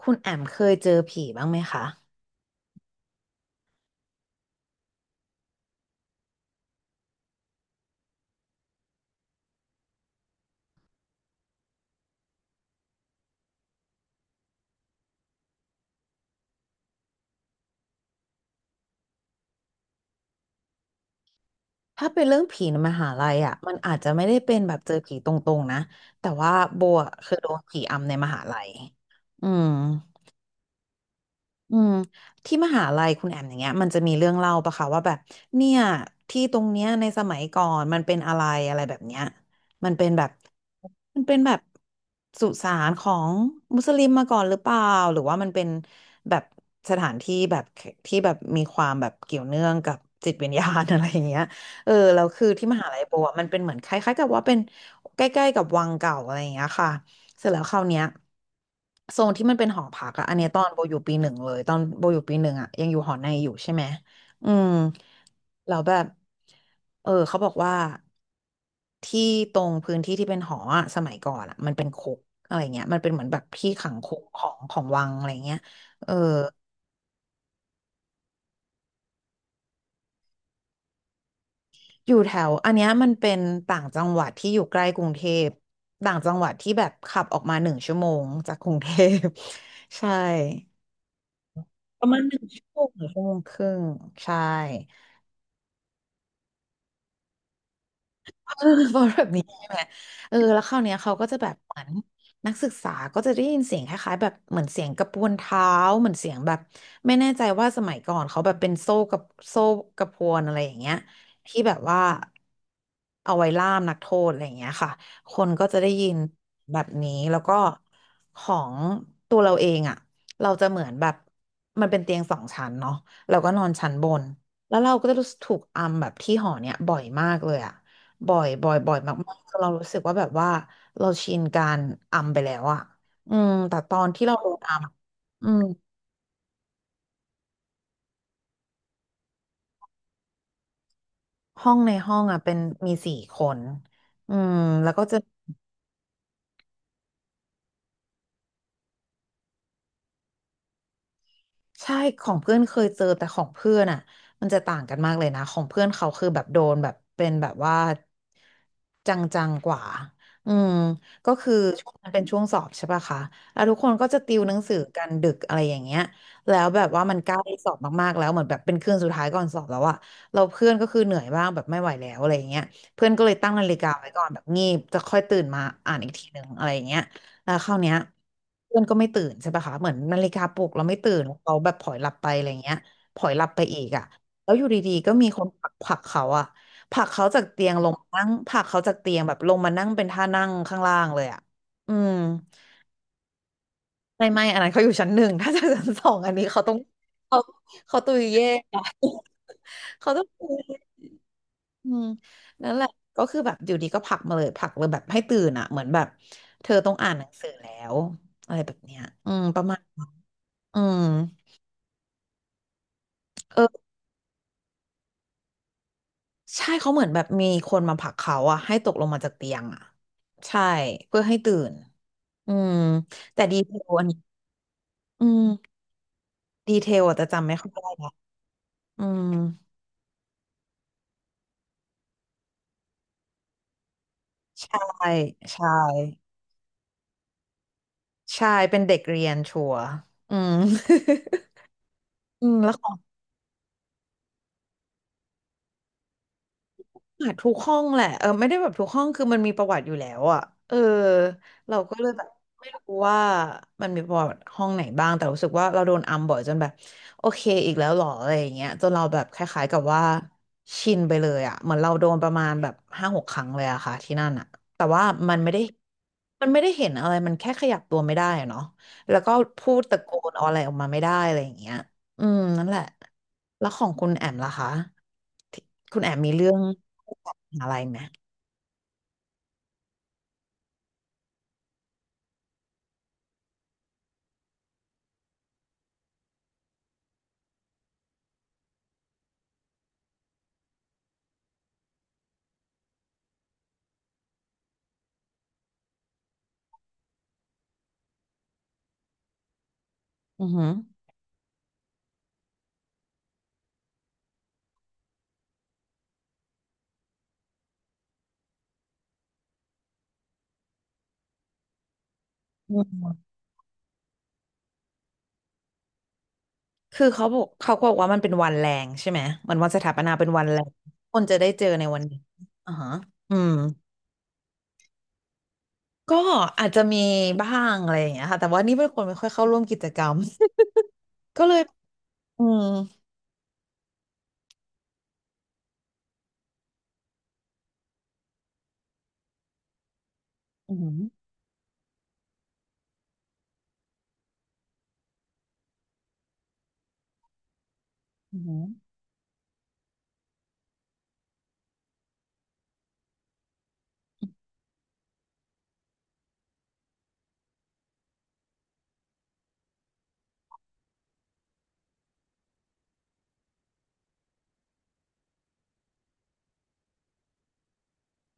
คุณแอมเคยเจอผีบ้างไหมคะ ถ้าเป็นเรื่องผีในมหาลัยอ่ะ มันอาจจะไม่ได้เป็นแบบเจอผีตรงๆนะ แต่ว่าโบอะเคยโดนผีอำในมหาลัยอืม อืมที่มหาลัยคุณแอมอย่างเงี้ยมันจะมีเรื่องเล่าปะคะว่าแบบเนี่ยที่ตรงเนี้ยในสมัยก่อนมันเป็นอะไรอะไรแบบเนี้ยมันเป็นแบบมันเป็นแบบสุสานของมุสลิมมาก่อนหรือเปล่าหรือว่ามันเป็นแบบสถานที่แบบที่แบบมีความแบบเกี่ยวเนื่องกับจิตวิญญาณ อะไรอย่างเงี้ย เออแล้วคือที่มหาลัยโบอะมันเป็นเหมือนคล้ายๆกับว่าเป็นใกล้ๆกับวังเก่าอะไรอย่างเงี้ยค่ะ เสร็จแล้วคราวเนี้ยโซนที่มันเป็นหอพักอะอันเนี้ยตอนโบอยู่ปีหนึ่งเลยตอนโบอยู่ปีหนึ่งอะยังอยู่หอในอยู่ใช่ไหมอืมแล้วแบบเออเขาบอกว่าที่ตรงพื้นที่ที่เป็นหออะสมัยก่อนอะมันเป็นคุกอะไรเงี้ยมันเป็นเหมือนแบบที่ขังคุกของวังอะไรเงี้ยเอออยู่แถวอันเนี้ยมันเป็นต่างจังหวัดที่อยู่ใกล้กรุงเทพต่างจังหวัดที่แบบขับออกมาหนึ่งชั่วโมงจากกรุงเทพ ใช่ ประมาณ1 ชั่วโมงหรือชั่วโมงครึ่งใช่ เออเพราะแบบนี้ใช่ไหมเออแล้วคราวเนี้ยเขาก็จะแบบเหมือนนักศึกษาก็จะได้ยินเสียงคล้ายๆแบบเหมือนเสียงกระพวนเท้าเหมือนเสียงแบบไม่แน่ใจว่าสมัยก่อนเขาแบบเป็นโซ่กระพวนอะไรอย่างเงี้ยที่แบบว่าเอาไว้ล่ามนักโทษอะไรอย่างเงี้ยค่ะคนก็จะได้ยินแบบนี้แล้วก็ของตัวเราเองอ่ะเราจะเหมือนแบบมันเป็นเตียง2 ชั้นเนาะเราก็นอนชั้นบนแล้วเราก็จะรู้สึกถูกอัมแบบที่หอเนี่ยบ่อยมากเลยอะ บ่อย บ่อย บ่อย มากๆจนเรารู้สึกว่าแบบว่าเราชินการอัมไปแล้วอะอืม แต่ตอนที่เราโดนอัมอะอืม ห้องในห้องอะเป็นมี4 คน อืม แล้วก็จะ ใช่ของเพื่อนเคยเจอแต่ของเพื่อนอ่ะมันจะต่างกันมากเลยนะของเพื่อนเขาคือแบบโดนแบบเป็นแบบว่าจังๆกว่าอืมก็คือช่วงนั้นเป็นช่วงสอบใช่ปะคะแล้วทุกคนก็จะติวหนังสือกันดึกอะไรอย่างเงี้ยแล้วแบบว่ามันใกล้สอบมากๆแล้วเหมือนแบบเป็นคืนสุดท้ายก่อนสอบแล้วอะเราเพื่อนก็คือเหนื่อยบ้างแบบไม่ไหวแล้วอะไรอย่างเงี้ยเพื่อนก็เลยตั้งนาฬิกาไว้ก่อนแบบงีบจะค่อยตื่นมาอ่านอีกทีหนึ่งอะไรอย่างเงี้ย แล้วคราวเนี้ยเพื่อนก็ไม่ตื่นใช่ปะคะเหมือนนาฬิกาปลุกเราไม่ตื่นเขาแบบผลอยหลับไปอะไรเงี้ยผลอยหลับไปอีกอ่ะแล้วอยู่ดีๆก็มีคนผลักเขาอ่ะผลักเขาจากเตียงลงมานั่งผลักเขาจากเตียงแบบลงมานั่งเป็นท่านั่งข้างล่างเลยอ่ะอืมไม่อันนั้นเขาอยู่ชั้นหนึ่งถ้าจะชั้นสองอันนี้เขาต้องเขาเขาตุยเย่อะ เขาต้อง อืมนั่นแหละก็คือแบบอยู่ดีก็ผลักมาเลยผลักเลยแบบให้ตื่นอ่ะเหมือนแบบเธอต้องอ่านหนังสือแล้วอะไรแบบเนี้ยอืมประมาณอืมเออใช่เขาเหมือนแบบมีคนมาผลักเขาอ่ะให้ตกลงมาจากเตียงอ่ะใช่เพื่อให้ตื่นอืมแต่ดีเทลอันนี้อืมดีเทลอะจจำไม่ค่อยได้ละอืมใช่ใช่ใช่เป็นเด็กเรียนชัวร์อืม อืมแล้ว อ่ะทุกห้องแหละเออไม่ได้แบบทุกห้องคือมันมีประวัติอยู่แล้วอ่ะเออเราก็เลยแบบไม่รู้ว่ามันมีประวัติห้องไหนบ้างแต่รู้สึกว่าเราโดนอัมบ่อยจนแบบโอเคอีกแล้วเหรออะไรอย่างเงี้ยจนเราแบบคล้ายๆกับว่าชินไปเลยอ่ะเหมือนเราโดนประมาณแบบ5-6 ครั้งเลยอะค่ะที่นั่นอ่ะแต่ว่ามันไม่ได้มันไม่ได้เห็นอะไรมันแค่ขยับตัวไม่ได้อะเนาะแล้วก็พูดตะโกนอะไรออกมาไม่ได้อะไรอย่างเงี้ย อืมนั่นแหละแล้วของคุณแอมล่ะคะที่คุณแอมมีเรื่องอะไรไหมอือหืออืมคือเขาบอกเขาบอกว่ามันเป็นวันแรงใช่ไหมมันวันสถาปนาเป็นวันแรงคนจะได้เจอในวันนี้อ่าฮะอืมก็อาจจะมีบ้างอะไรอย่างเงี้ยค่ะแต่ว่านี่เป็นคนไม่ค่อยเข้าร่วมกิจกรรม ก็เลยอืมอืมอืม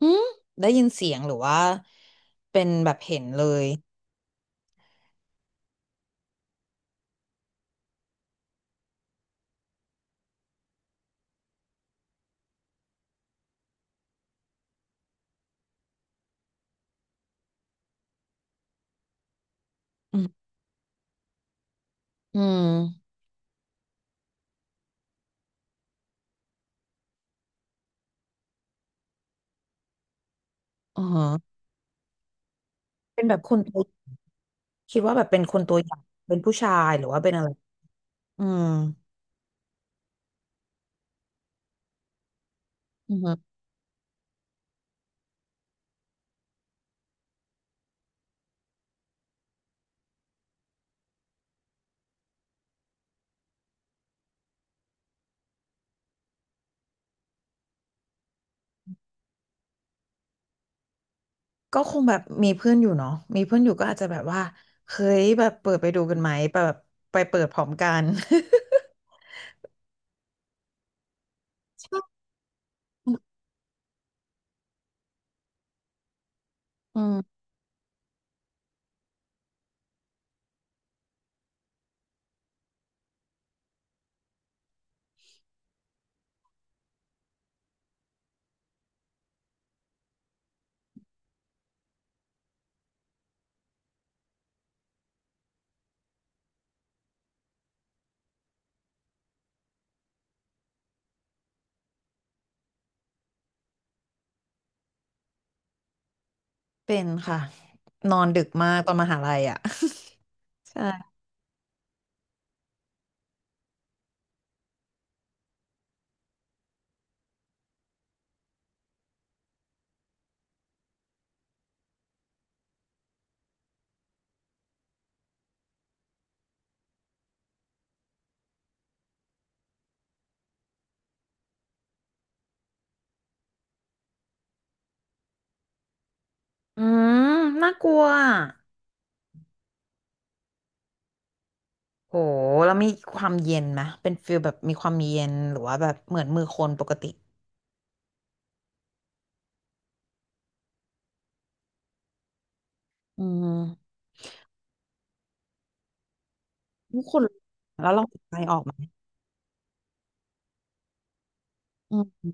อืมได้ยินเสียงหรือว่าเป็นแบบเห็นเลยอืมอืมอ๋อเป็นแบบคุณ คิดว่าแบบเป็นคนตัวอย่างเป็นผู้ชายหรือว่าเป็นอะไรอืมอือฮึก็คงแบบมีเพื่อนอยู่เนาะมีเพื่อนอยู่ก็อาจจะแบบว่าเฮ้ยแบบเปิดไปดูกันไหมแบบไปเปิดพร้อมกัน อืมเป็นค่ะนอนดึกมากตอนมหาลัยอ่ะ ใช่อืมน่ากลัวอะโหแล้วมีความเย็นไหมเป็นฟิลแบบมีความเย็นหรือว่าแบบเหมือนมือคนปกติอืมทุกคนแล้วลองใจออกไหมอืม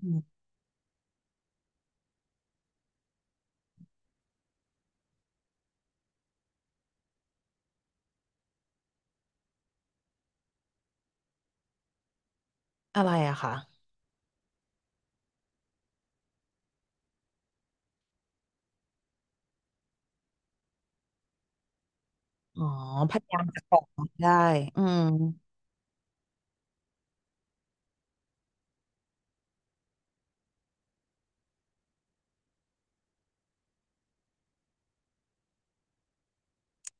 อืมอะไรอะคะ อ๋อพยายามจะบอกได้อืม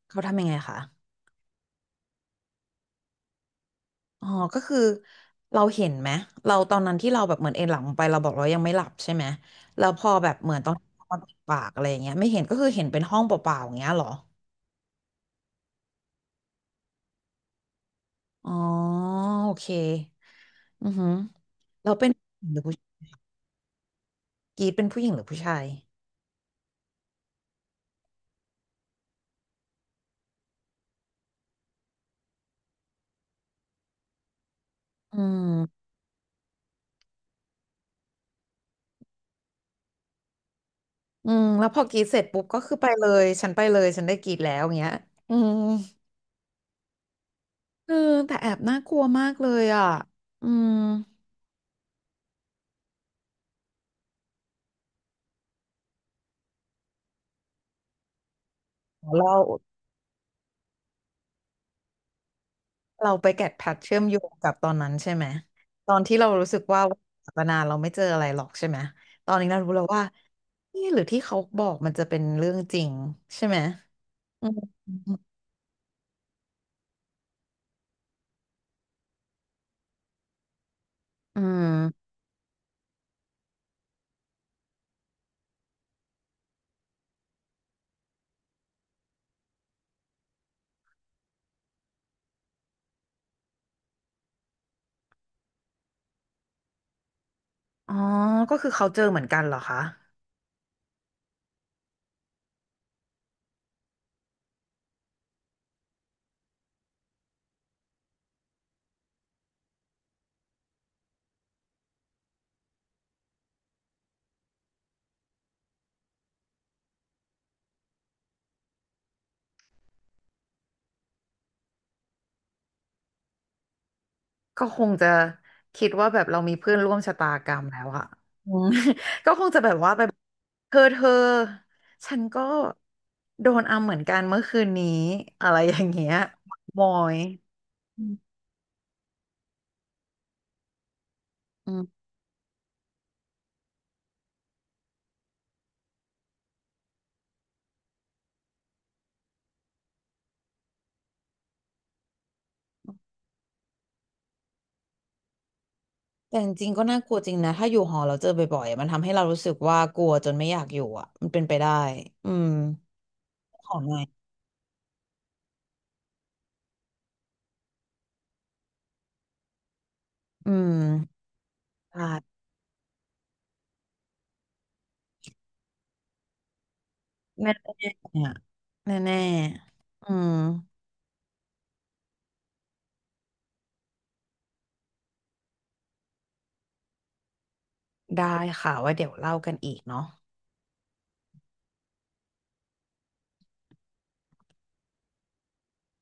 เขาทำยังไงคะอ๋อก็คือเราเห็นไหมเราตอนนั้นที่เราแบบเหมือนเอนหลังลงไปเราบอกเรายังไม่หลับใช่ไหมแล้วพอแบบเหมือนตอนนอนปากอะไรอย่างเงี้ยไม่เห็นก็คือเห็นเป็นห้องเปล่าๆอย่างเงี้ยเหรออ๋อโอเคอือหือเราเป็นผู้หญิงหรือผู้กรีดเป็นผู้หญิงหรือผู้ชายอืมอืมแล้วพอกรีดเสร็จปุ๊บก็คือไปเลยฉันไปเลยฉันได้กรีดแล้วอย่างเงี้ยอืมเออแต่แอบน่ากลัวมากเลยอ่ะอืม เราเราไปแกะแพทเชื่อมโยงกับตอนนั้นใช่ไหมตอนที่เรารู้สึกว่าศาสนาเราไม่เจออะไรหรอกใช่ไหมตอนนี้เรารู้แล้วว่านี่หรือที่เขาบอกมันจะเป็นเรื่องจริงใช่ไหมอืมอืมอ๋อก็คือเขาเจอเหมือนกันเหรอคะก็คงจะคิดว่าแบบเรามีเพื่อนร่วมชะตากรรมแล้วอะอืม ก็คงจะแบบว่าไปเธอฉันก็โดนอำเหมือนกันเมื่อคืนนี้อะไรอย่างเงี้ยมอย อืมแต่จริงๆก็น่ากลัวจริงนะถ้าอยู่หอเราเจอบ่อยๆอะมันทำให้เรารู้สึกว่ากลัวจนไม่อยากอยู่อ่ะมันเป็นไปได้อืมขอหน่อยอืมได้แน่ๆเนี่ยแน่ๆอืมได้ค่ะไว่าเดี๋ยวเล่ากันอีกเนาะ